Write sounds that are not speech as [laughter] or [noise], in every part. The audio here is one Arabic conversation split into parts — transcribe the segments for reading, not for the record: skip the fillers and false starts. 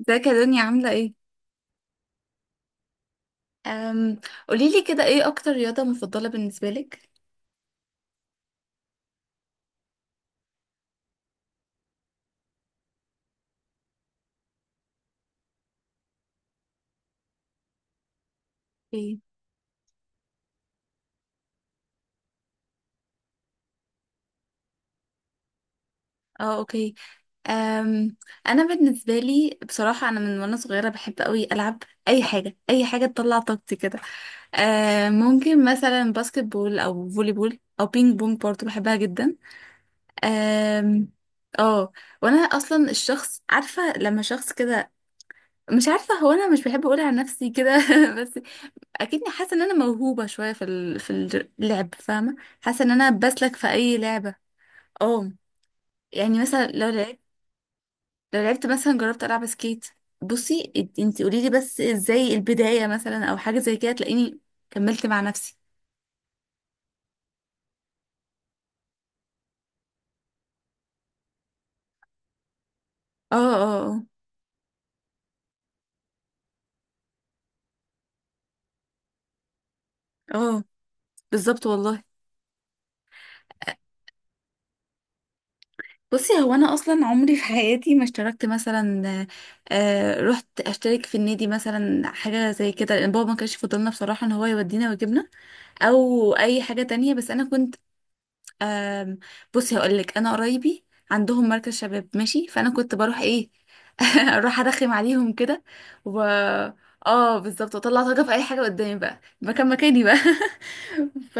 ازيك يا دنيا عاملة ايه؟ أم قوليلي كده ايه أكتر رياضة مفضلة بالنسبة لك؟ ايه، اه، اوكي. أم أنا بالنسبة لي بصراحة أنا من وأنا صغيرة بحب أوي ألعب أي حاجة، أي حاجة تطلع طاقتي كده. ممكن مثلا باسكت بول أو فولي بول أو بينج بونج، برضه بحبها جدا. أم اه، وأنا أصلا الشخص، عارفة لما شخص كده، مش عارفة، هو أنا مش بحب أقول عن نفسي كده. [laughs] بس اكيدني حاسه ان انا موهوبه شويه في ال... في الج- اللعب، فاهمه. حاسه ان انا بسلك في اي لعبه. اه. يعني مثلا لو لعبت مثلا جربت العب سكيت. بصي، انت قولي لي بس ازاي البدايه، مثلا او حاجه زي كده، تلاقيني كملت مع نفسي. اه اه اه اه، بالظبط والله. بصي هو انا اصلا عمري في حياتي ما اشتركت مثلا، آه، رحت اشترك في النادي مثلا حاجه زي كده، لان بابا ما كانش فضلنا بصراحه ان هو يودينا ويجيبنا او اي حاجه تانية، بس انا كنت، أم بصي هقول لك، انا قرايبي عندهم مركز شباب، ماشي، فانا كنت بروح ايه. [laughs] اروح ارخم عليهم كده و اه بالظبط، واطلع طاقه في اي حاجه قدامي بقى، مكاني بقى. [laughs] ف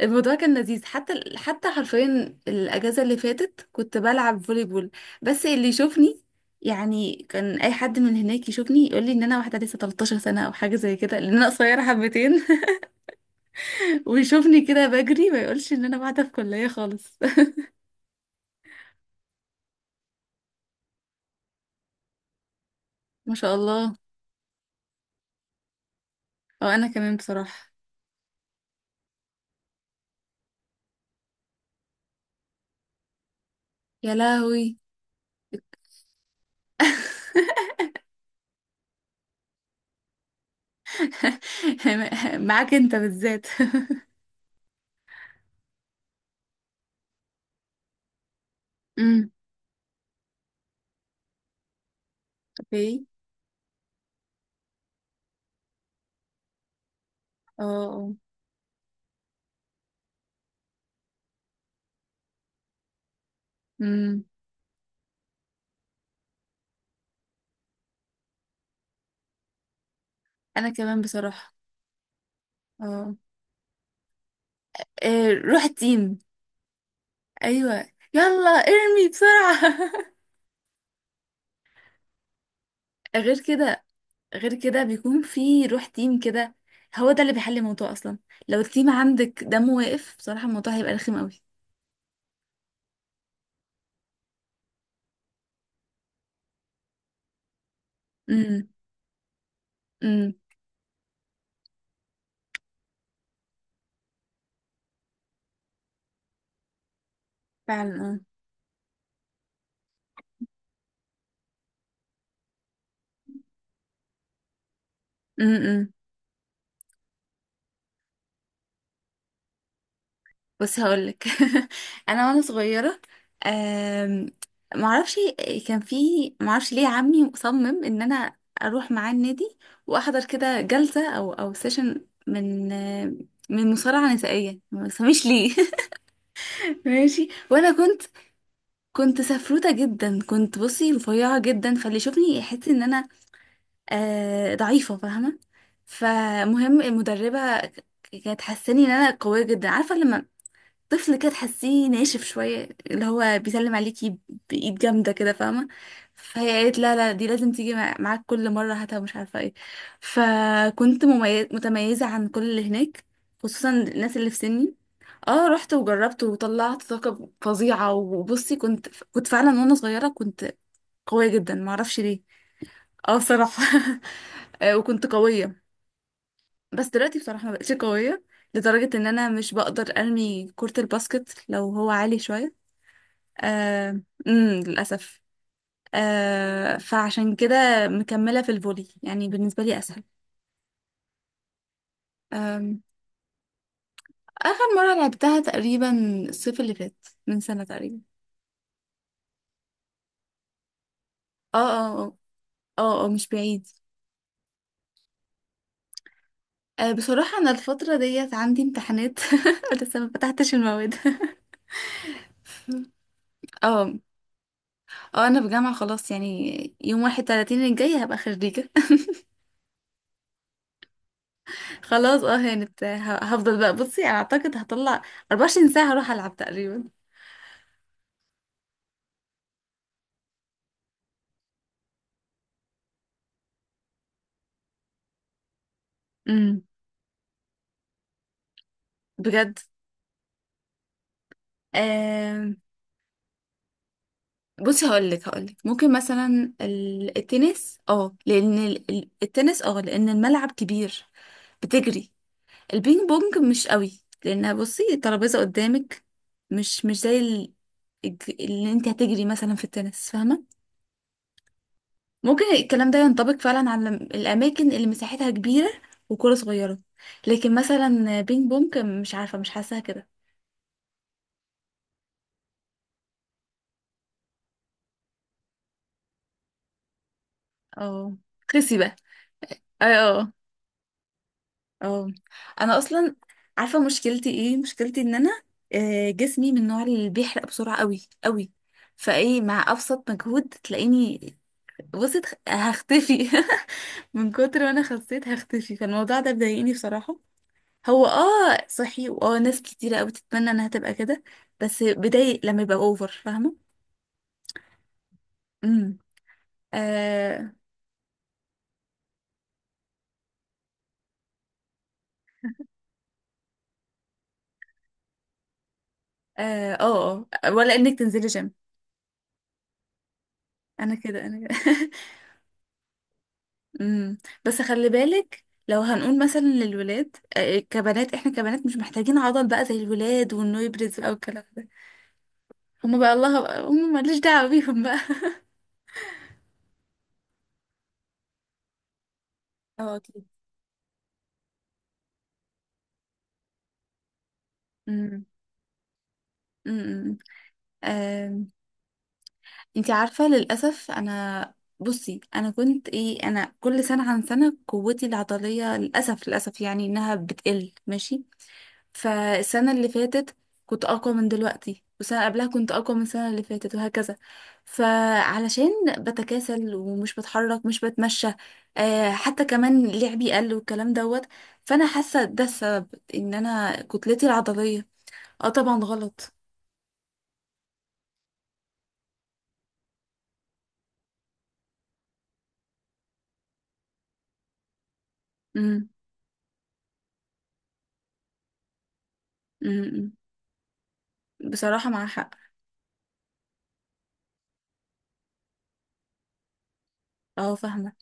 الموضوع كان لذيذ، حتى حرفيا الاجازه اللي فاتت كنت بلعب فولي بول، بس اللي يشوفني، يعني كان اي حد من هناك يشوفني يقول لي ان انا واحده لسه 13 سنه او حاجه زي كده لان انا قصيره حبتين. [laughs] ويشوفني كده بجري، ما يقولش ان انا قاعده في كليه خالص. ما شاء الله. او انا كمان بصراحة. يا لهوي. [laughs] معاك انت بالذات. امم، اوكي، اه اه. امم. انا كمان بصراحة. اه. إيه، روح التيم. ايوه، يلا ارمي بسرعة. [laughs] غير كده، غير كده بيكون في روح تيم كده، هو ده اللي بيحل الموضوع اصلا. لو التيم عندك دمه واقف بصراحة الموضوع هيبقى رخم قوي. امم. امم. فعلا اه. امم. بس هقولك. [laughs] انا وانا صغيره، أم... معرفش، كان في، معرفش ليه عمي مصمم ان انا اروح معاه النادي واحضر كده جلسه او سيشن من مصارعه نسائيه، ما تفهميش ليه. [laughs] ماشي. وانا كنت، سفروته جدا، كنت بصي رفيعه جدا، فاللي يشوفني يحس ان انا آه ضعيفه، فاهمه. فمهم المدربه كانت حاساني ان انا قويه جدا. عارفه لما طفل كده تحسيه ناشف شوية، اللي هو بيسلم عليكي بإيد جامدة كده، فاهمة. فهي قالت لا لا، دي لازم تيجي معاك كل مرة، هاتها، مش عارفة ايه، فكنت متميزة عن كل اللي هناك، خصوصا الناس اللي في سني. اه، رحت وجربت وطلعت طاقة فظيعة. وبصي كنت، فعلا وانا صغيرة كنت قوية جدا، معرفش ليه. اه بصراحة. [laughs] آه، وكنت قوية. بس دلوقتي بصراحة ما بقتش قوية لدرجة ان انا مش بقدر ارمي كرة الباسكت لو هو عالي شوية. آه، امم، للأسف. آه، فعشان كده مكملة في الفولي، يعني بالنسبة لي أسهل. آم، آخر مرة لعبتها تقريبا الصيف اللي فات، من سنة تقريبا. اه اه اه اه آه، مش بعيد. آه، بصراحة أنا الفترة ديت عندي امتحانات. [laughs] لسه ما فتحتش المواد. [laughs] اه اه، أنا في جامعة خلاص، يعني يوم واحد تلاتين الجاي هبقى خريجة. [laughs] خلاص اه، هانت، هفضل بقى. بصي أنا أعتقد هطلع 24 ساعة هروح ألعب تقريبا. امم. بجد. آم، بصي هقولك ممكن مثلا التنس اه لان التنس اه لان الملعب كبير، بتجري. البينج بونج مش قوي، لانها بصي الترابيزه قدامك، مش زي اللي انت هتجري مثلا في التنس، فاهمه. ممكن الكلام ده ينطبق فعلا على الاماكن اللي مساحتها كبيره وكره صغيره. لكن مثلا بينج بونج، مش عارفه، مش حاساها كده. اه. خسي بقى. اه. آه. اه انا اصلا عارفه مشكلتي ايه، مشكلتي ان انا آه، جسمي من النوع اللي بيحرق بسرعه قوي قوي. فايه، مع ابسط مجهود تلاقيني بصيت، هختفي. [laughs] من كتر ما انا خسيت هختفي، فالموضوع ده بيضايقني بصراحه. هو اه صحي، واه ناس كتيره قوي تتمنى انها تبقى كده، بس بيضايق لما يبقى اوفر، فاهمه. امم. اه اه اه آه. ولا انك تنزلي جيم. انا كده، انا كده. [laughs] امم. بس خلي بالك لو هنقول مثلا للولاد آه، آه، كبنات، احنا كبنات مش محتاجين عضل بقى زي الولاد وانه يبرز او الكلام ده. هما بقى الله بقى، هما ماليش دعوة بيهم بقى. [laughs] اه اكيد. امم. امم. آم، انتي عارفة للأسف انا، بصي انا كنت ايه، انا كل سنة عن سنة قوتي العضلية للأسف للأسف يعني انها بتقل، ماشي. فالسنة اللي فاتت كنت أقوى من دلوقتي، والسنة قبلها كنت أقوى من السنة اللي فاتت، وهكذا. فعلشان بتكاسل ومش بتحرك مش بتمشى آه، حتى كمان لعبي قل والكلام دوت، فأنا حاسة ده السبب إن أنا كتلتي العضلية. اه طبعا غلط. امم. امم. بصراحة مع حق. اه فاهمة.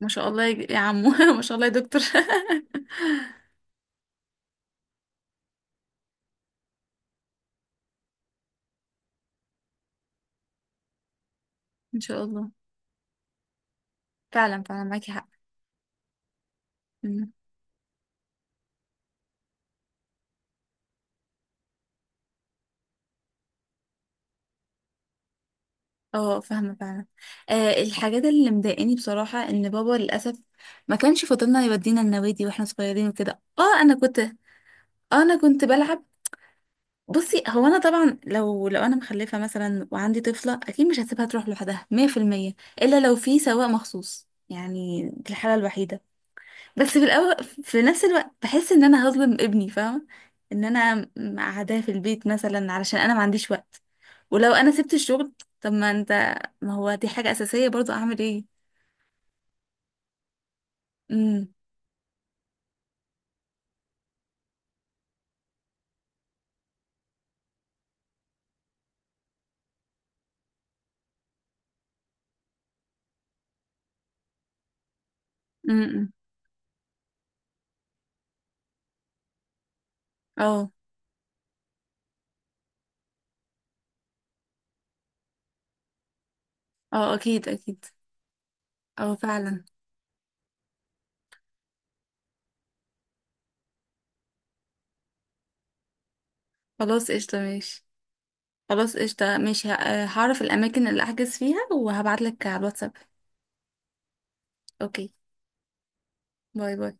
ما شاء الله يا عمو. [laughs] ما شاء الله يا دكتور. [laughs] ان شاء الله. فعلا، فعلا معاكي حق. مم. اه فاهمة فعلا. آه، الحاجات اللي مضايقاني بصراحة ان بابا للأسف ما كانش فاضلنا يودينا النوادي واحنا صغيرين وكده اه، انا كنت اه، انا كنت بلعب. بصي هو انا طبعا لو انا مخلفة مثلا وعندي طفلة، اكيد مش هسيبها تروح لوحدها 100%، الا لو في سواق مخصوص، يعني دي الحالة الوحيدة. بس في الاول، في نفس الوقت، بحس ان انا هظلم ابني، فاهمة، ان انا قاعداه في البيت مثلا علشان انا ما عنديش وقت، ولو انا سبت الشغل، طب ما انت، ما هو دي حاجة اساسية برضو، اعمل ايه. امم. امم. إمم. اه اه اكيد اكيد. اه فعلا. خلاص قشطة ماشي. خلاص قشطة ماشي، هعرف الاماكن اللي احجز فيها وهبعتلك على الواتساب. اوكي. باي باي.